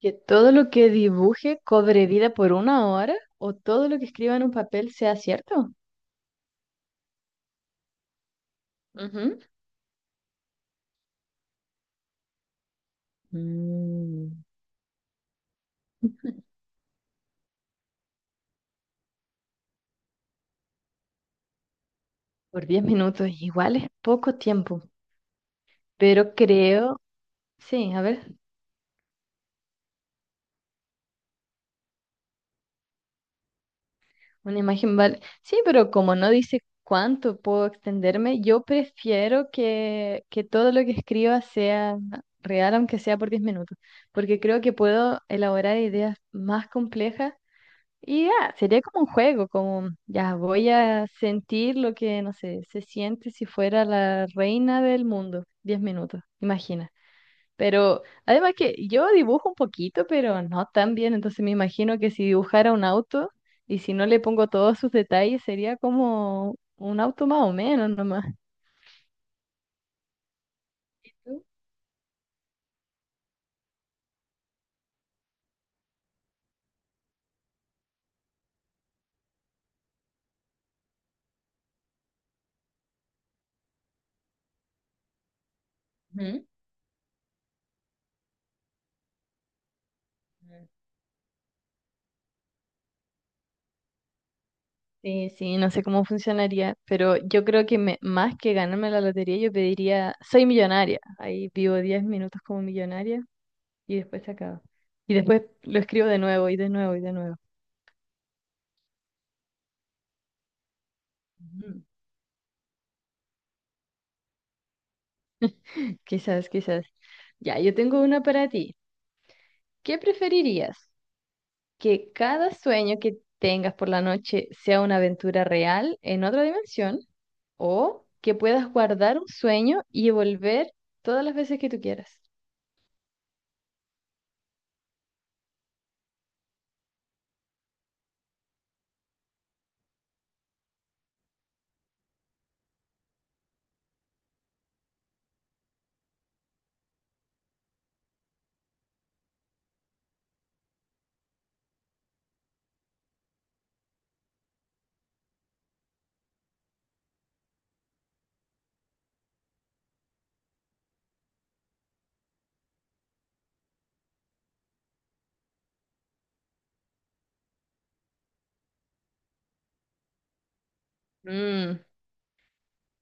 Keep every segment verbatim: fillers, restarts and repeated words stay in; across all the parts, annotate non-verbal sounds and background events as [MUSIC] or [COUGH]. Que todo lo que dibuje cobre vida por una hora o todo lo que escriba en un papel sea cierto. Ujú. Mm, [LAUGHS] por diez minutos, igual es poco tiempo, pero creo, sí, a ver, una imagen vale. Sí, pero como no dice cuánto puedo extenderme, yo prefiero que, que todo lo que escriba sea real, aunque sea por diez minutos, porque creo que puedo elaborar ideas más complejas. Y ya, sería como un juego, como ya voy a sentir lo que, no sé, se siente si fuera la reina del mundo. Diez minutos, imagina. Pero además que yo dibujo un poquito, pero no tan bien, entonces me imagino que si dibujara un auto y si no le pongo todos sus detalles, sería como un auto más o menos nomás. Ujú. Sí, sí, no sé cómo funcionaría, pero yo creo que me- más que ganarme la lotería, yo pediría, soy millonaria. Ahí vivo diez minutos como millonaria y después se acaba. Y después lo escribo de nuevo y de nuevo y de nuevo. Ujú. Quizás, quizás. Ya, yo tengo una para ti. ¿Qué preferirías? ¿Que cada sueño que tengas por la noche sea una aventura real en otra dimensión? ¿O que puedas guardar un sueño y volver todas las veces que tú quieras? Mm.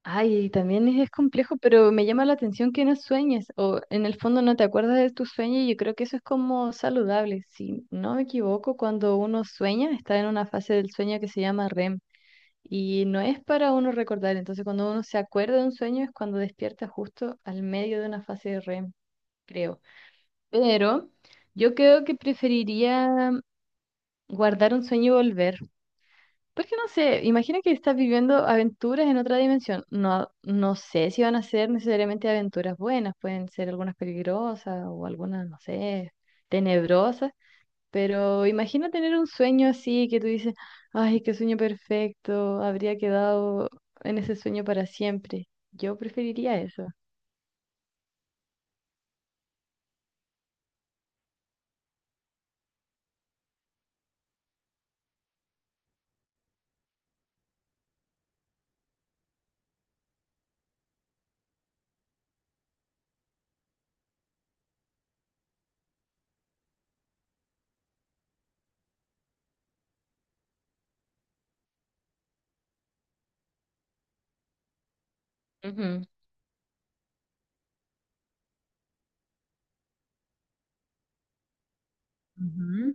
Ay, también es, es complejo, pero me llama la atención que no sueñes o en el fondo no te acuerdas de tus sueños y yo creo que eso es como saludable. Si no me equivoco, cuando uno sueña, está en una fase del sueño que se llama REM y no es para uno recordar. Entonces, cuando uno se acuerda de un sueño es cuando despierta justo al medio de una fase de REM, creo. Pero yo creo que preferiría guardar un sueño y volver. Porque no sé, imagina que estás viviendo aventuras en otra dimensión. No, no sé si van a ser necesariamente aventuras buenas, pueden ser algunas peligrosas o algunas, no sé, tenebrosas, pero imagina tener un sueño así que tú dices, ay, qué sueño perfecto, habría quedado en ese sueño para siempre. Yo preferiría eso. Ujú. Ujú.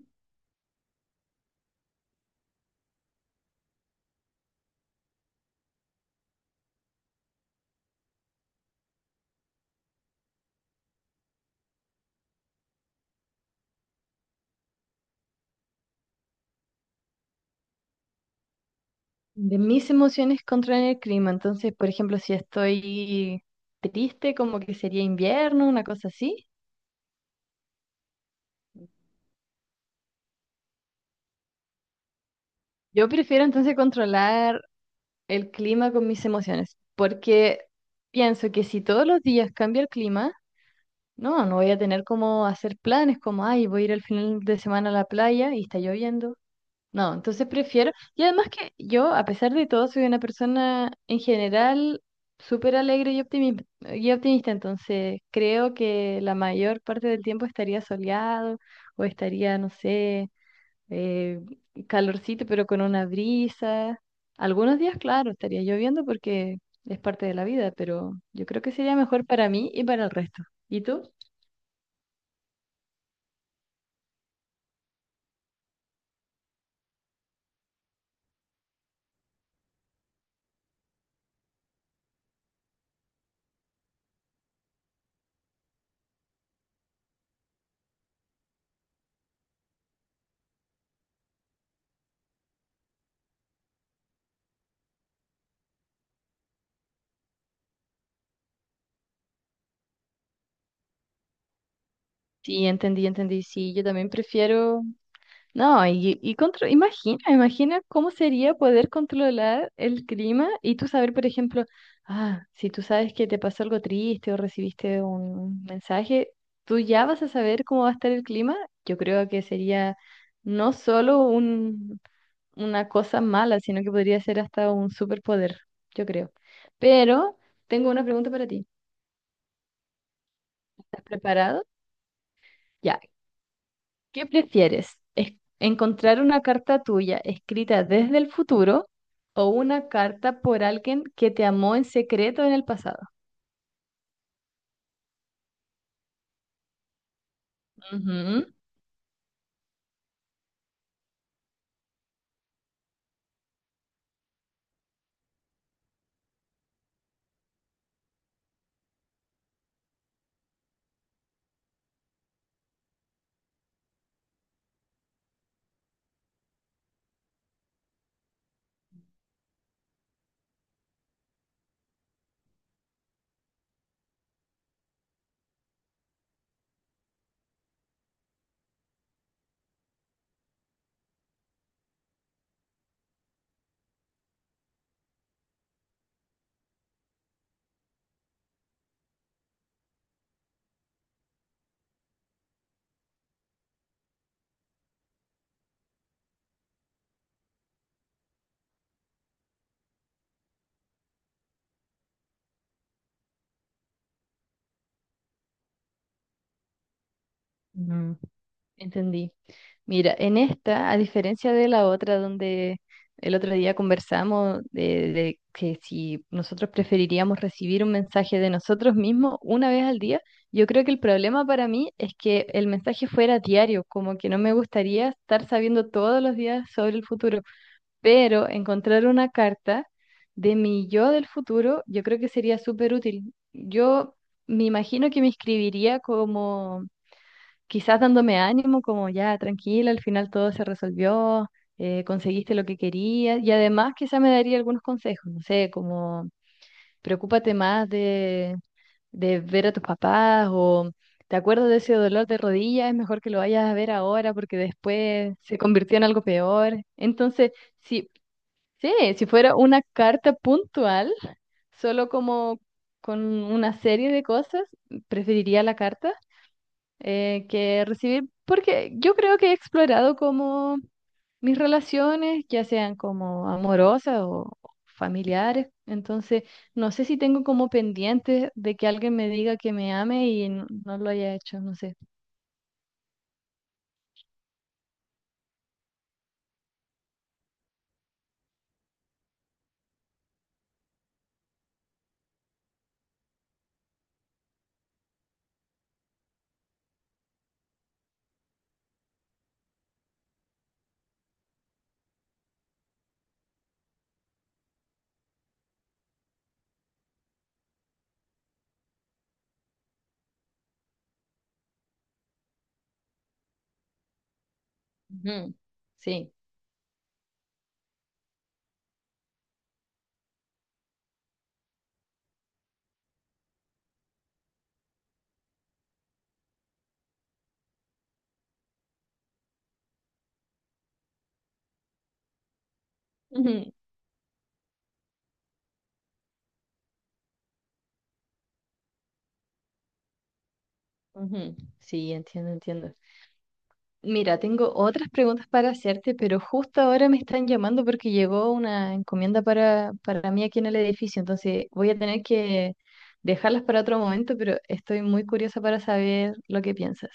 De mis emociones controlan el clima, entonces, por ejemplo, si estoy triste, como que sería invierno, una cosa así. Yo prefiero entonces controlar el clima con mis emociones, porque pienso que si todos los días cambia el clima, no, no voy a tener como hacer planes como, ay, voy a ir al final de semana a la playa y está lloviendo. No, entonces prefiero, y además que yo, a pesar de todo, soy una persona en general súper alegre y optimista, y optimista, entonces creo que la mayor parte del tiempo estaría soleado o estaría, no sé, eh, calorcito, pero con una brisa. Algunos días, claro, estaría lloviendo porque es parte de la vida, pero yo creo que sería mejor para mí y para el resto. ¿Y tú? Sí, entendí, entendí. Sí, yo también prefiero. No, y, y contro- imagina, imagina cómo sería poder controlar el clima y tú saber, por ejemplo, ah, si tú sabes que te pasó algo triste o recibiste un mensaje, tú ya vas a saber cómo va a estar el clima. Yo creo que sería no solo un, una cosa mala, sino que podría ser hasta un superpoder, yo creo. Pero tengo una pregunta para ti. ¿Estás preparado? Ya. ¿Qué prefieres? ¿Es- ¿Encontrar una carta tuya escrita desde el futuro o una carta por alguien que te amó en secreto en el pasado? Ujú. Ujú. Entendí. Mira, en esta, a diferencia de la otra donde el otro día conversamos de, de que si nosotros preferiríamos recibir un mensaje de nosotros mismos una vez al día, yo creo que el problema para mí es que el mensaje fuera diario, como que no me gustaría estar sabiendo todos los días sobre el futuro, pero encontrar una carta de mi yo del futuro, yo creo que sería súper útil. Yo me imagino que me escribiría como quizás dándome ánimo, como ya, tranquila, al final todo se resolvió, eh, conseguiste lo que querías, y además quizás me daría algunos consejos, no sé, como preocúpate más de, de ver a tus papás o te acuerdas de ese dolor de rodilla, es mejor que lo vayas a ver ahora porque después se convirtió en algo peor. Entonces, sí, sí, si fuera una carta puntual, solo como con una serie de cosas, preferiría la carta eh, que recibir, porque yo creo que he explorado como mis relaciones, ya sean como amorosas o familiares, entonces no sé si tengo como pendiente de que alguien me diga que me ame y no, no lo haya hecho, no sé. Ujú, sí. Ujú, ujú. Sí, entiendo, entiendo. Mira, tengo otras preguntas para hacerte, pero justo ahora me están llamando porque llegó una encomienda para, para mí aquí en el edificio, entonces voy a tener que dejarlas para otro momento, pero estoy muy curiosa para saber lo que piensas.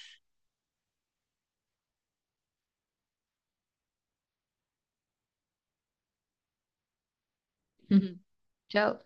[LAUGHS] Chao.